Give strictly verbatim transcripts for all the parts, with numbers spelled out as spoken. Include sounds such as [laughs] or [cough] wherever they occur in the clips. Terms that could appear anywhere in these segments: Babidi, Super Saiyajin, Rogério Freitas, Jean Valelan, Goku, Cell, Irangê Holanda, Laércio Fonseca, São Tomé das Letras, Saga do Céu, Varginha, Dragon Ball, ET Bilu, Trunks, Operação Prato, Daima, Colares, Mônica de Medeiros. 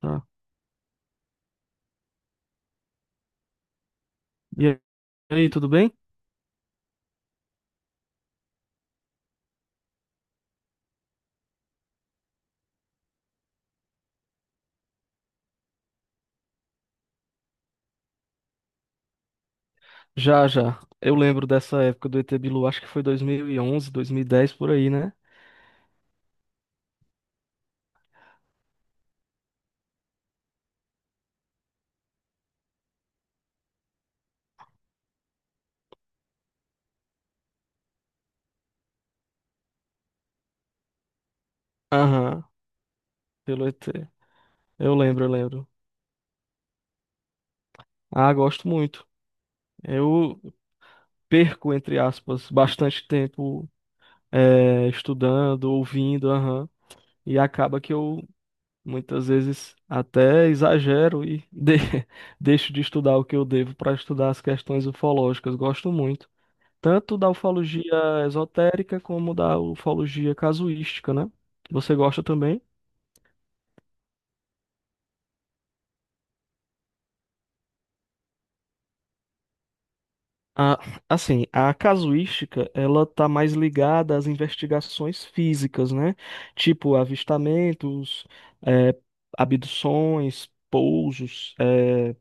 Tá. E aí, tudo bem? Já, já. Eu lembro dessa época do E T Bilu, acho que foi dois dois mil mil e onze, dois mil e dez por aí, né? Aham, pelo E T. Eu lembro, eu lembro. Ah, gosto muito. Eu perco, entre aspas, bastante tempo eh, estudando, ouvindo, aham. E acaba que eu, muitas vezes, até exagero e de- [laughs] deixo de estudar o que eu devo para estudar as questões ufológicas. Gosto muito. Tanto da ufologia esotérica como da ufologia casuística, né? Você gosta também? A, assim, a casuística, ela tá mais ligada às investigações físicas, né? Tipo avistamentos, eh, abduções, pousos, eh,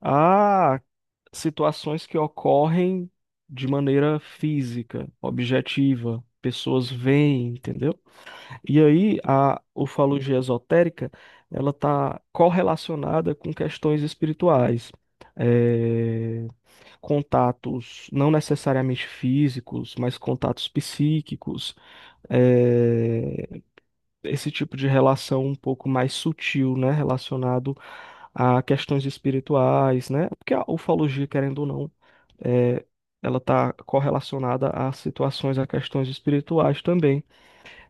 a situações que ocorrem de maneira física, objetiva. Pessoas veem, entendeu? E aí, a ufologia esotérica, ela está correlacionada com questões espirituais, eh, contatos não necessariamente físicos, mas contatos psíquicos, eh, esse tipo de relação um pouco mais sutil, né, relacionado a questões espirituais, né? Porque a ufologia, querendo ou não, eh, ela está correlacionada a situações, a questões espirituais também.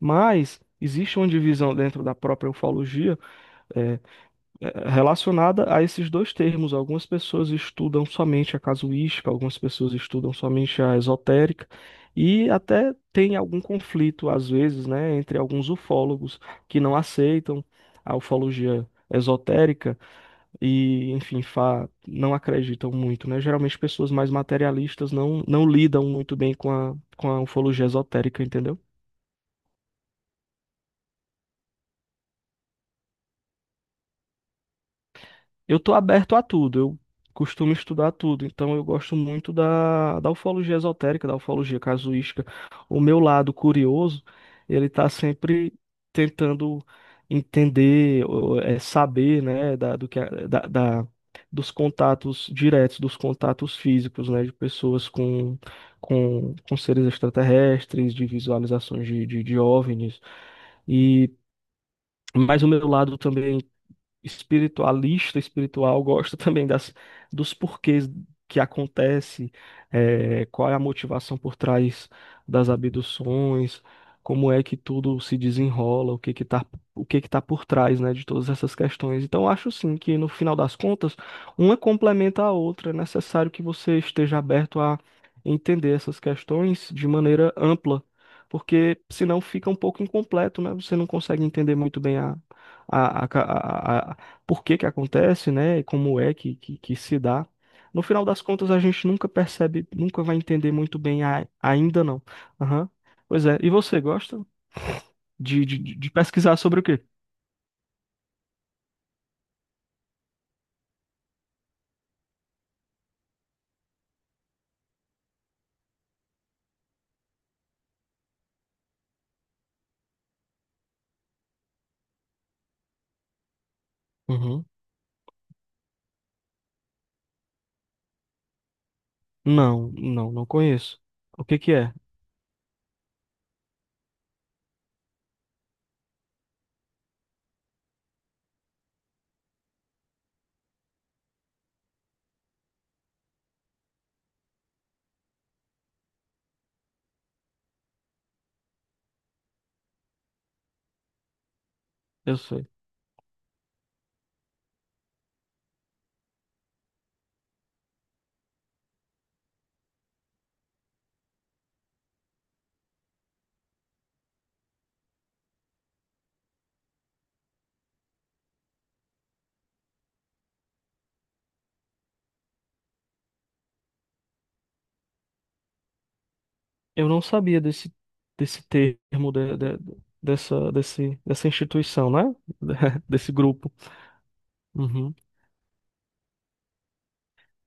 Mas existe uma divisão dentro da própria ufologia é, é, relacionada a esses dois termos. Algumas pessoas estudam somente a casuística, algumas pessoas estudam somente a esotérica, e até tem algum conflito, às vezes, né, entre alguns ufólogos que não aceitam a ufologia esotérica e, enfim, fa- não acreditam muito, né? Geralmente pessoas mais materialistas não, não lidam muito bem com a, com a ufologia esotérica, entendeu? Eu tô aberto a tudo, eu costumo estudar tudo, então eu gosto muito da, da ufologia esotérica, da ufologia casuística. O meu lado curioso, ele tá sempre tentando entender, ou, é, saber, né, da, do que, a- da, da- dos contatos diretos, dos contatos físicos, né, de pessoas com, com, com seres extraterrestres, de visualizações de, de, de OVNIs. E, mas o meu lado também espiritualista, espiritual, gosta [laughs] também das, dos porquês que acontece, eh, qual é a motivação por trás das abduções, como é que tudo se desenrola, o que que tá, o que que tá por trás, né, de todas essas questões. Então, eu acho sim que no final das contas, uma complementa a outra, é necessário que você esteja aberto a entender essas questões de maneira ampla. Porque senão fica um pouco incompleto, né? Você não consegue entender muito bem a, a, a, a, por que que acontece, né? E como é que, que, que se dá. No final das contas, a gente nunca percebe, nunca vai entender muito bem a- ainda não. Aham. Pois é. E você gosta de, de, de pesquisar sobre o quê? Uhum. Não, não, não conheço. O que que é? Eu sei. Eu não sabia desse, desse termo, de- de- dessa, desse, dessa instituição, né? [laughs] Desse grupo. Uhum.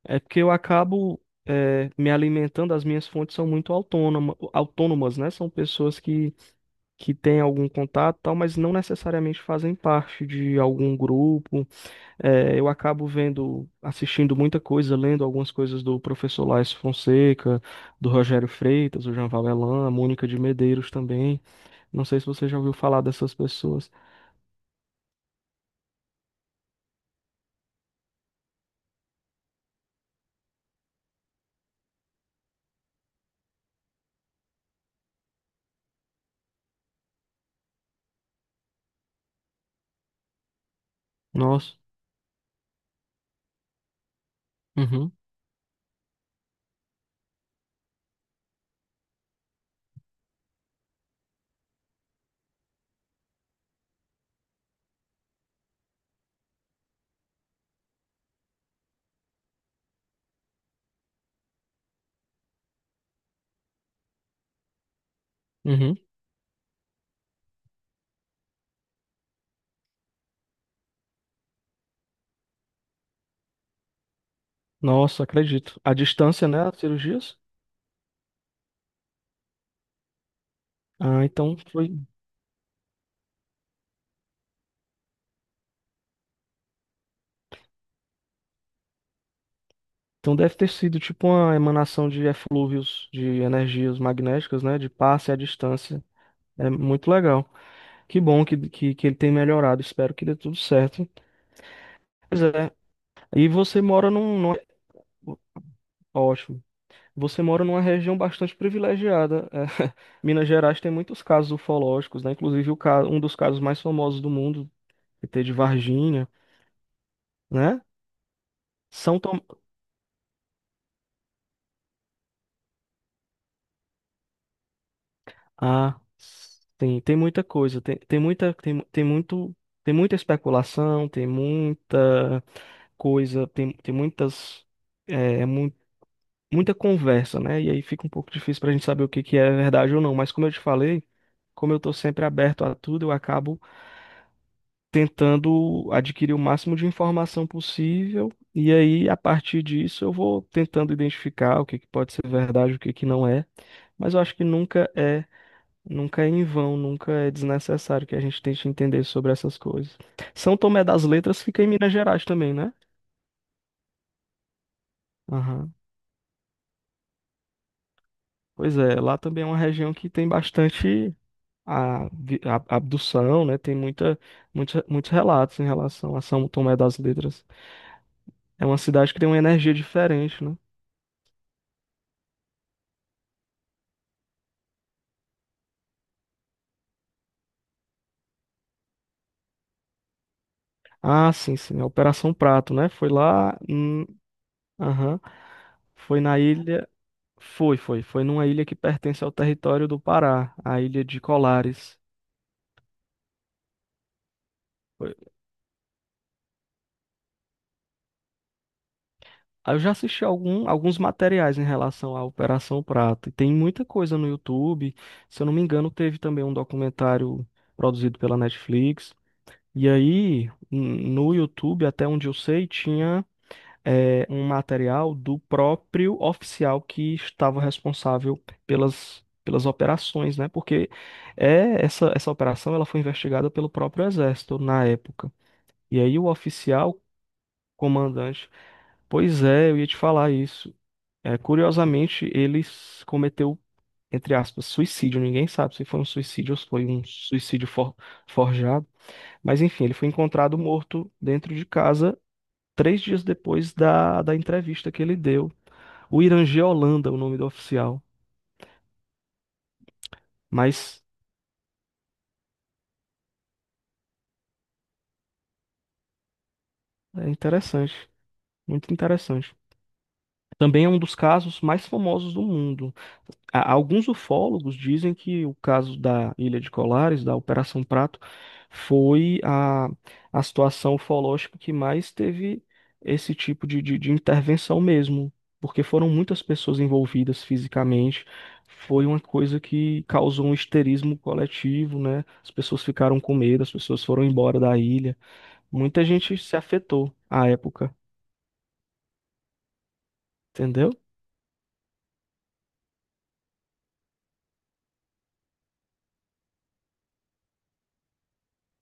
É porque eu acabo eh, me alimentando, as minhas fontes são muito autônoma, autônomas, né? São pessoas que, que têm algum contato, e tal, mas não necessariamente fazem parte de algum grupo. Eh, eu acabo vendo, assistindo muita coisa, lendo algumas coisas do professor Laércio Fonseca, do Rogério Freitas, do Jean Valelan, a Mônica de Medeiros também. Não sei se você já ouviu falar dessas pessoas. Nossa. Uhum, uhum. Nossa, acredito. A distância, né? As cirurgias? Ah, então foi. Então deve ter sido tipo uma emanação de eflúvios, de energias magnéticas, né? De passe à distância. É muito legal. Que bom que, que, que ele tem melhorado. Espero que dê tudo certo. Pois é. E você mora num, num- Ótimo. Você mora numa região bastante privilegiada. É, [laughs] Minas Gerais tem muitos casos ufológicos, né? Inclusive o ca- um dos casos mais famosos do mundo, que tem de Varginha, né? São Tom... Ah, sim, tem muita coisa, tem, tem muita, tem, tem muito, tem muita especulação, tem muita coisa, tem, tem muitas, é, mu- muita conversa, né? E aí fica um pouco difícil pra gente saber o que que é verdade ou não, mas como eu te falei, como eu tô sempre aberto a tudo, eu acabo tentando adquirir o máximo de informação possível, e aí a partir disso eu vou tentando identificar o que que pode ser verdade, o que que não é, mas eu acho que nunca é Nunca é em vão, nunca é desnecessário que a gente tente entender sobre essas coisas. São Tomé das Letras fica em Minas Gerais também, né? Aham. Pois é, lá também é uma região que tem bastante a, vi- a- abdução, né? Tem muita, muita, muitos relatos em relação a São Tomé das Letras. É uma cidade que tem uma energia diferente, né? Ah, sim, sim, a Operação Prato, né? Foi lá, hum, aham, foi na ilha, foi, foi, foi numa ilha que pertence ao território do Pará, a ilha de Colares. Aí eu já assisti algum, alguns materiais em relação à Operação Prato. E tem muita coisa no YouTube. Se eu não me engano, teve também um documentário produzido pela Netflix. E aí, n- no YouTube, até onde eu sei, tinha eh, um material do próprio oficial que estava responsável pelas, pelas operações, né? Porque é, essa, essa operação, ela foi investigada pelo próprio Exército na época. E aí, o oficial comandante. Pois é, eu ia te falar isso. É, curiosamente, ele s- cometeu, entre aspas, suicídio. Ninguém sabe se foi um suicídio ou se foi um suicídio for- forjado. Mas enfim, ele foi encontrado morto dentro de casa três dias depois da, da entrevista que ele deu. O Irangê Holanda, o nome do oficial. Mas é interessante, muito interessante. Também é um dos casos mais famosos do mundo. a- Alguns ufólogos dizem que o caso da Ilha de Colares, da Operação Prato, foi a, a situação ufológica que mais teve esse tipo de, de, de intervenção mesmo, porque foram muitas pessoas envolvidas fisicamente. Foi uma coisa que causou um histerismo coletivo, né? As pessoas ficaram com medo, as pessoas foram embora da ilha. Muita gente se afetou à época, entendeu?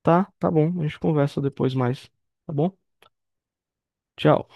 Tá, tá bom, a gente conversa depois mais, tá bom? Tchau.